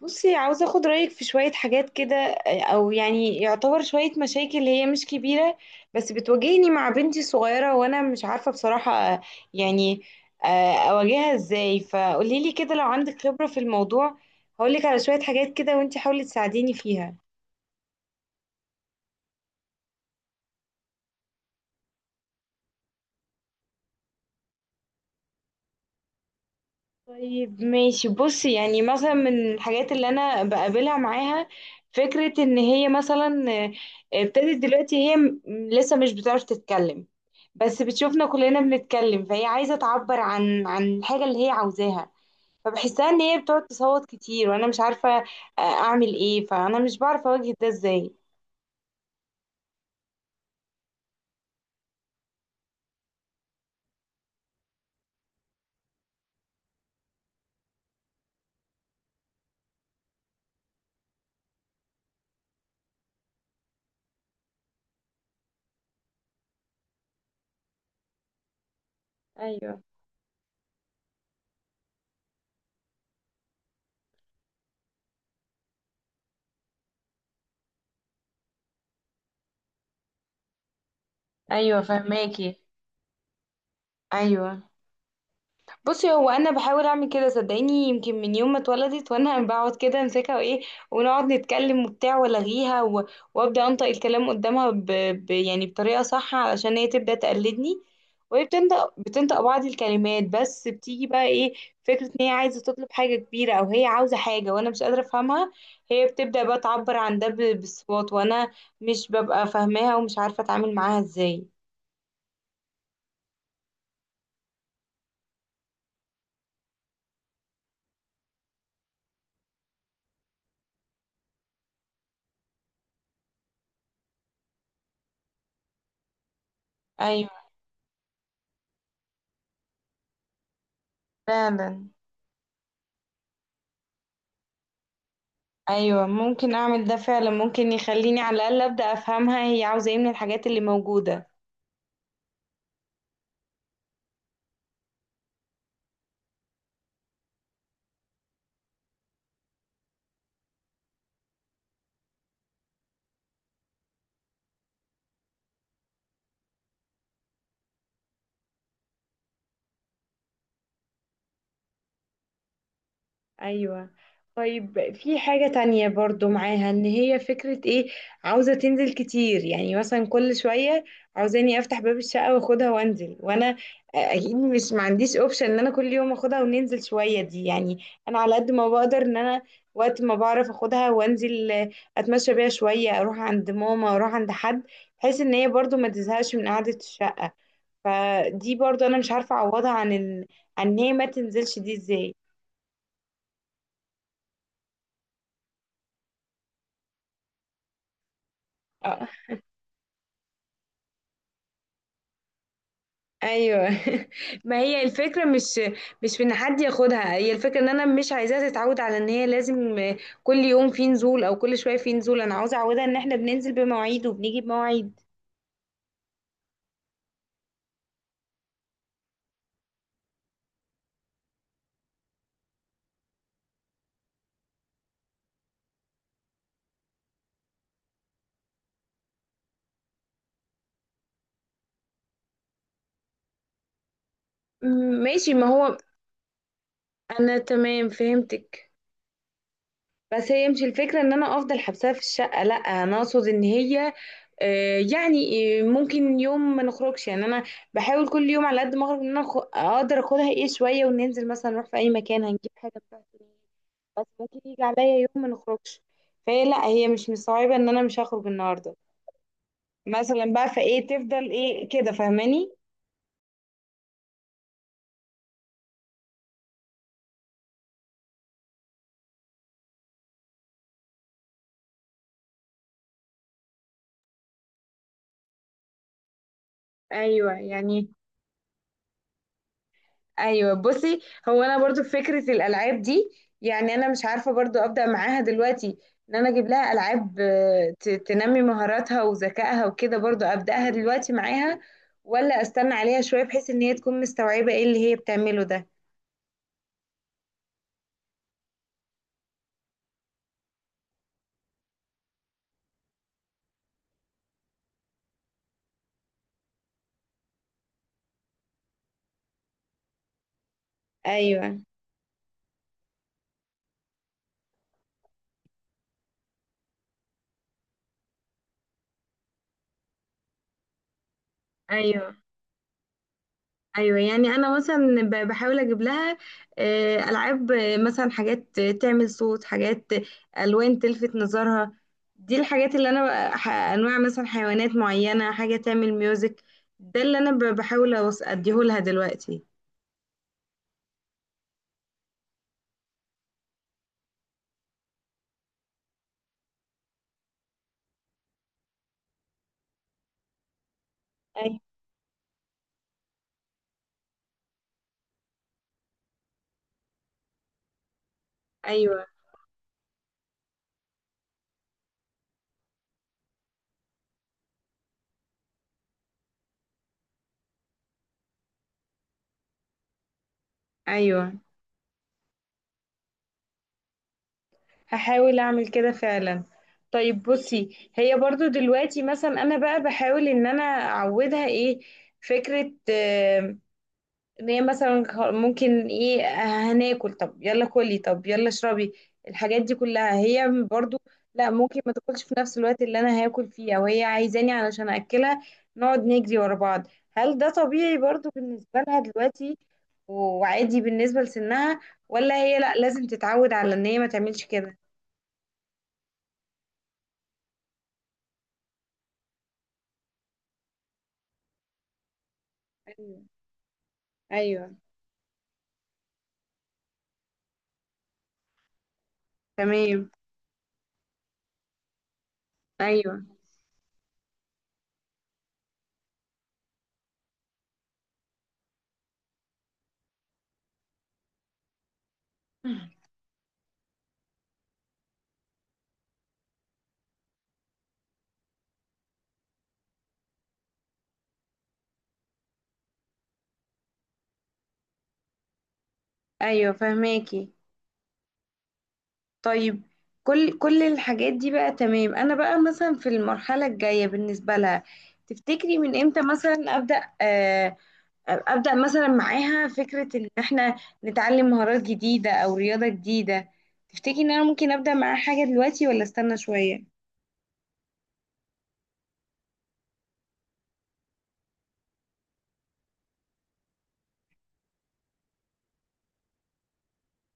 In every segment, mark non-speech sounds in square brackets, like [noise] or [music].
بصي، عاوزة اخد رأيك في شوية حاجات كده، او يعني يعتبر شوية مشاكل هي مش كبيرة بس بتواجهني مع بنتي الصغيرة وانا مش عارفة بصراحة يعني اواجهها ازاي. فقوليلي كده لو عندك خبرة في الموضوع. هقولك على شوية حاجات كده وانتي حاولي تساعديني فيها. طيب ماشي. بصي يعني مثلا من الحاجات اللي انا بقابلها معاها فكرة ان هي مثلا ابتدت دلوقتي. هي لسه مش بتعرف تتكلم بس بتشوفنا كلنا بنتكلم فهي عايزة تعبر عن الحاجة اللي هي عاوزاها. فبحسها ان هي بتقعد تصوت كتير وانا مش عارفة اعمل ايه. فانا مش بعرف اواجه ده ازاي. ايوه. ايوه فهماكي. ايوه. بصي هو انا بحاول اعمل كده صدقيني. يمكن من يوم ما اتولدت وانا بقعد كده امسكها وايه ونقعد نتكلم وبتاع والغيها وابدا انطق الكلام قدامها يعني بطريقه صح علشان هي تبدا تقلدني. وهي بتنطق بعض الكلمات. بس بتيجي بقى ايه؟ فكره ان هي عايزه تطلب حاجه كبيره او هي عاوزه حاجه وانا مش قادره افهمها. هي بتبدا بقى تعبر عن ده بالصوت وانا مش ببقى فاهماها ومش عارفه اتعامل معاها ازاي. ايوه فعلا. ايوه ممكن اعمل ده فعلا. ممكن يخليني على الاقل ابدا افهمها هي عاوزه ايه من الحاجات اللي موجوده. ايوه. طيب في حاجة تانية برضو معاها. ان هي فكرة ايه، عاوزة تنزل كتير يعني مثلا كل شوية عاوزاني افتح باب الشقة واخدها وانزل. وانا اكيد مش ما عنديش اوبشن ان انا كل يوم اخدها وننزل شوية دي يعني. انا على قد ما بقدر ان انا وقت ما بعرف اخدها وانزل اتمشى بيها شوية، اروح عند ماما، اروح عند حد، بحيث ان هي برضو ما تزهقش من قعدة الشقة. فدي برضو انا مش عارفه اعوضها عن عن ان هي ما تنزلش دي ازاي. اه. ايوه [laughs] ما هي الفكره مش في ان حد ياخدها. هي الفكره ان انا مش عايزاها تتعود على ان هي لازم كل يوم في نزول او كل شويه في نزول. انا عاوزه اعودها ان احنا بننزل بمواعيد وبنيجي بمواعيد. م- ماشي. ما هو انا تمام فهمتك. بس هي مش الفكرة ان انا افضل حبسها في الشقة، لا. انا اقصد ان هي يعني ممكن يوم ما نخرجش. يعني انا بحاول كل يوم على قد ما اخرج ان انا اقدر اخدها ايه شوية وننزل مثلا نروح في اي مكان هنجيب حاجة بتاعتي. بس ممكن يجي عليا يوم ما نخرجش فهي لا، هي مش مستوعبة ان انا مش هخرج النهاردة مثلا بقى. فايه تفضل ايه كده فاهماني؟ ايوه يعني. ايوه بصي. هو انا برضو في فكره الالعاب دي يعني انا مش عارفه برضو ابدا معاها دلوقتي ان انا اجيب لها العاب تنمي مهاراتها وذكائها وكده، برضو ابداها دلوقتي معاها ولا استنى عليها شويه بحيث ان هي تكون مستوعبه ايه اللي هي بتعمله ده. ايوه. ايوه. ايوه. يعني انا مثلا بحاول اجيب لها العاب، مثلا حاجات تعمل صوت، حاجات الوان تلفت نظرها. دي الحاجات اللي انا انواع مثلا حيوانات معينه، حاجه تعمل ميوزك. ده اللي انا بحاول اديهولها دلوقتي. أي. ايوه. ايوه هحاول اعمل كده فعلا. طيب بصي هي برضو دلوقتي مثلا انا بقى بحاول ان انا اعودها ايه، فكرة ان هي مثلا ممكن ايه هناكل طب يلا كلي، طب يلا اشربي. الحاجات دي كلها هي برضو لا، ممكن ما تاكلش في نفس الوقت اللي انا هاكل فيه او هي عايزاني علشان اكلها نقعد نجري ورا بعض. هل ده طبيعي برضو بالنسبة لها دلوقتي و- وعادي بالنسبة لسنها؟ ولا هي لا لازم تتعود على ان هي ما تعملش كده؟ ايوه. ايوه. تمام. ايوه. ايوه فهماكي. طيب كل الحاجات دي بقى تمام. انا بقى مثلا في المرحله الجايه بالنسبه لها تفتكري من امتى مثلا ابدا مثلا معاها فكره ان احنا نتعلم مهارات جديده او رياضه جديده؟ تفتكري ان انا ممكن ابدا معاها حاجه دلوقتي ولا استنى شويه؟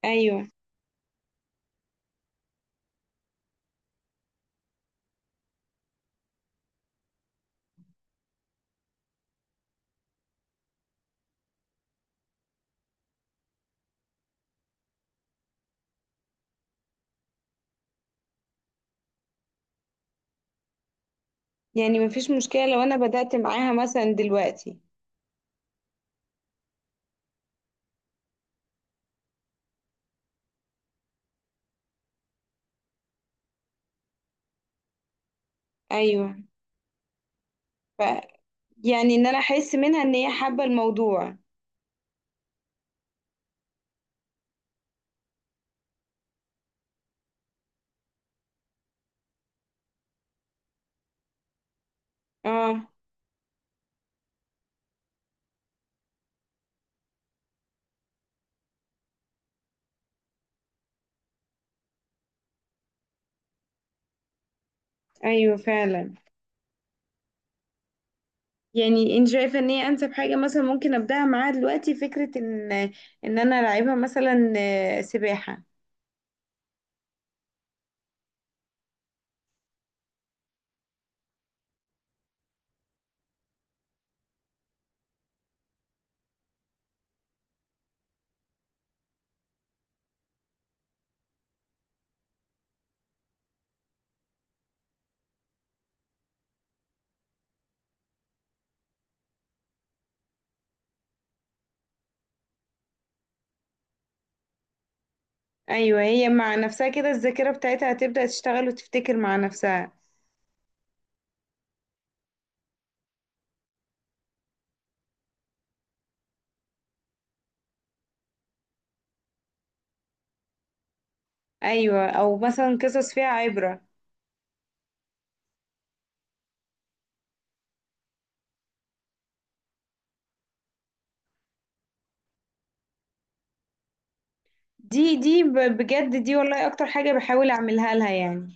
ايوه. يعني مفيش مشكله لو انا بدات معاها مثلا دلوقتي. ايوه. ف يعني ان انا احس منها ان هي حابه الموضوع. اه. ايوه فعلا. يعني انت شايفه ان هي انسب حاجه مثلا ممكن ابداها معاها دلوقتي، فكره ان انا العبها مثلا سباحه؟ ايوه هي مع نفسها كده الذاكره بتاعتها هتبدا تشتغل وتفتكر مع نفسها. ايوه او مثلا قصص فيها عبره. دي بجد دي والله اكتر حاجه بحاول اعملها لها يعني.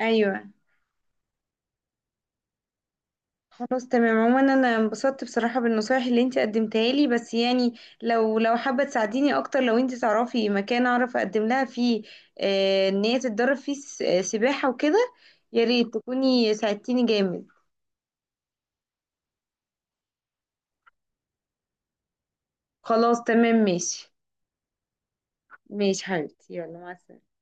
ايوه. خلاص تمام. عموما انا انبسطت بصراحة بالنصايح اللي انت قدمتها لي. بس يعني لو حابة تساعديني اكتر، لو انت تعرفي مكان اعرف اقدم لها فيه ان هي تتدرب فيه سباحة وكده، يا ريت تكوني ساعدتيني جامد. خلاص تمام. ماشي. ماشي حبيبتي، يلا مع السلامة.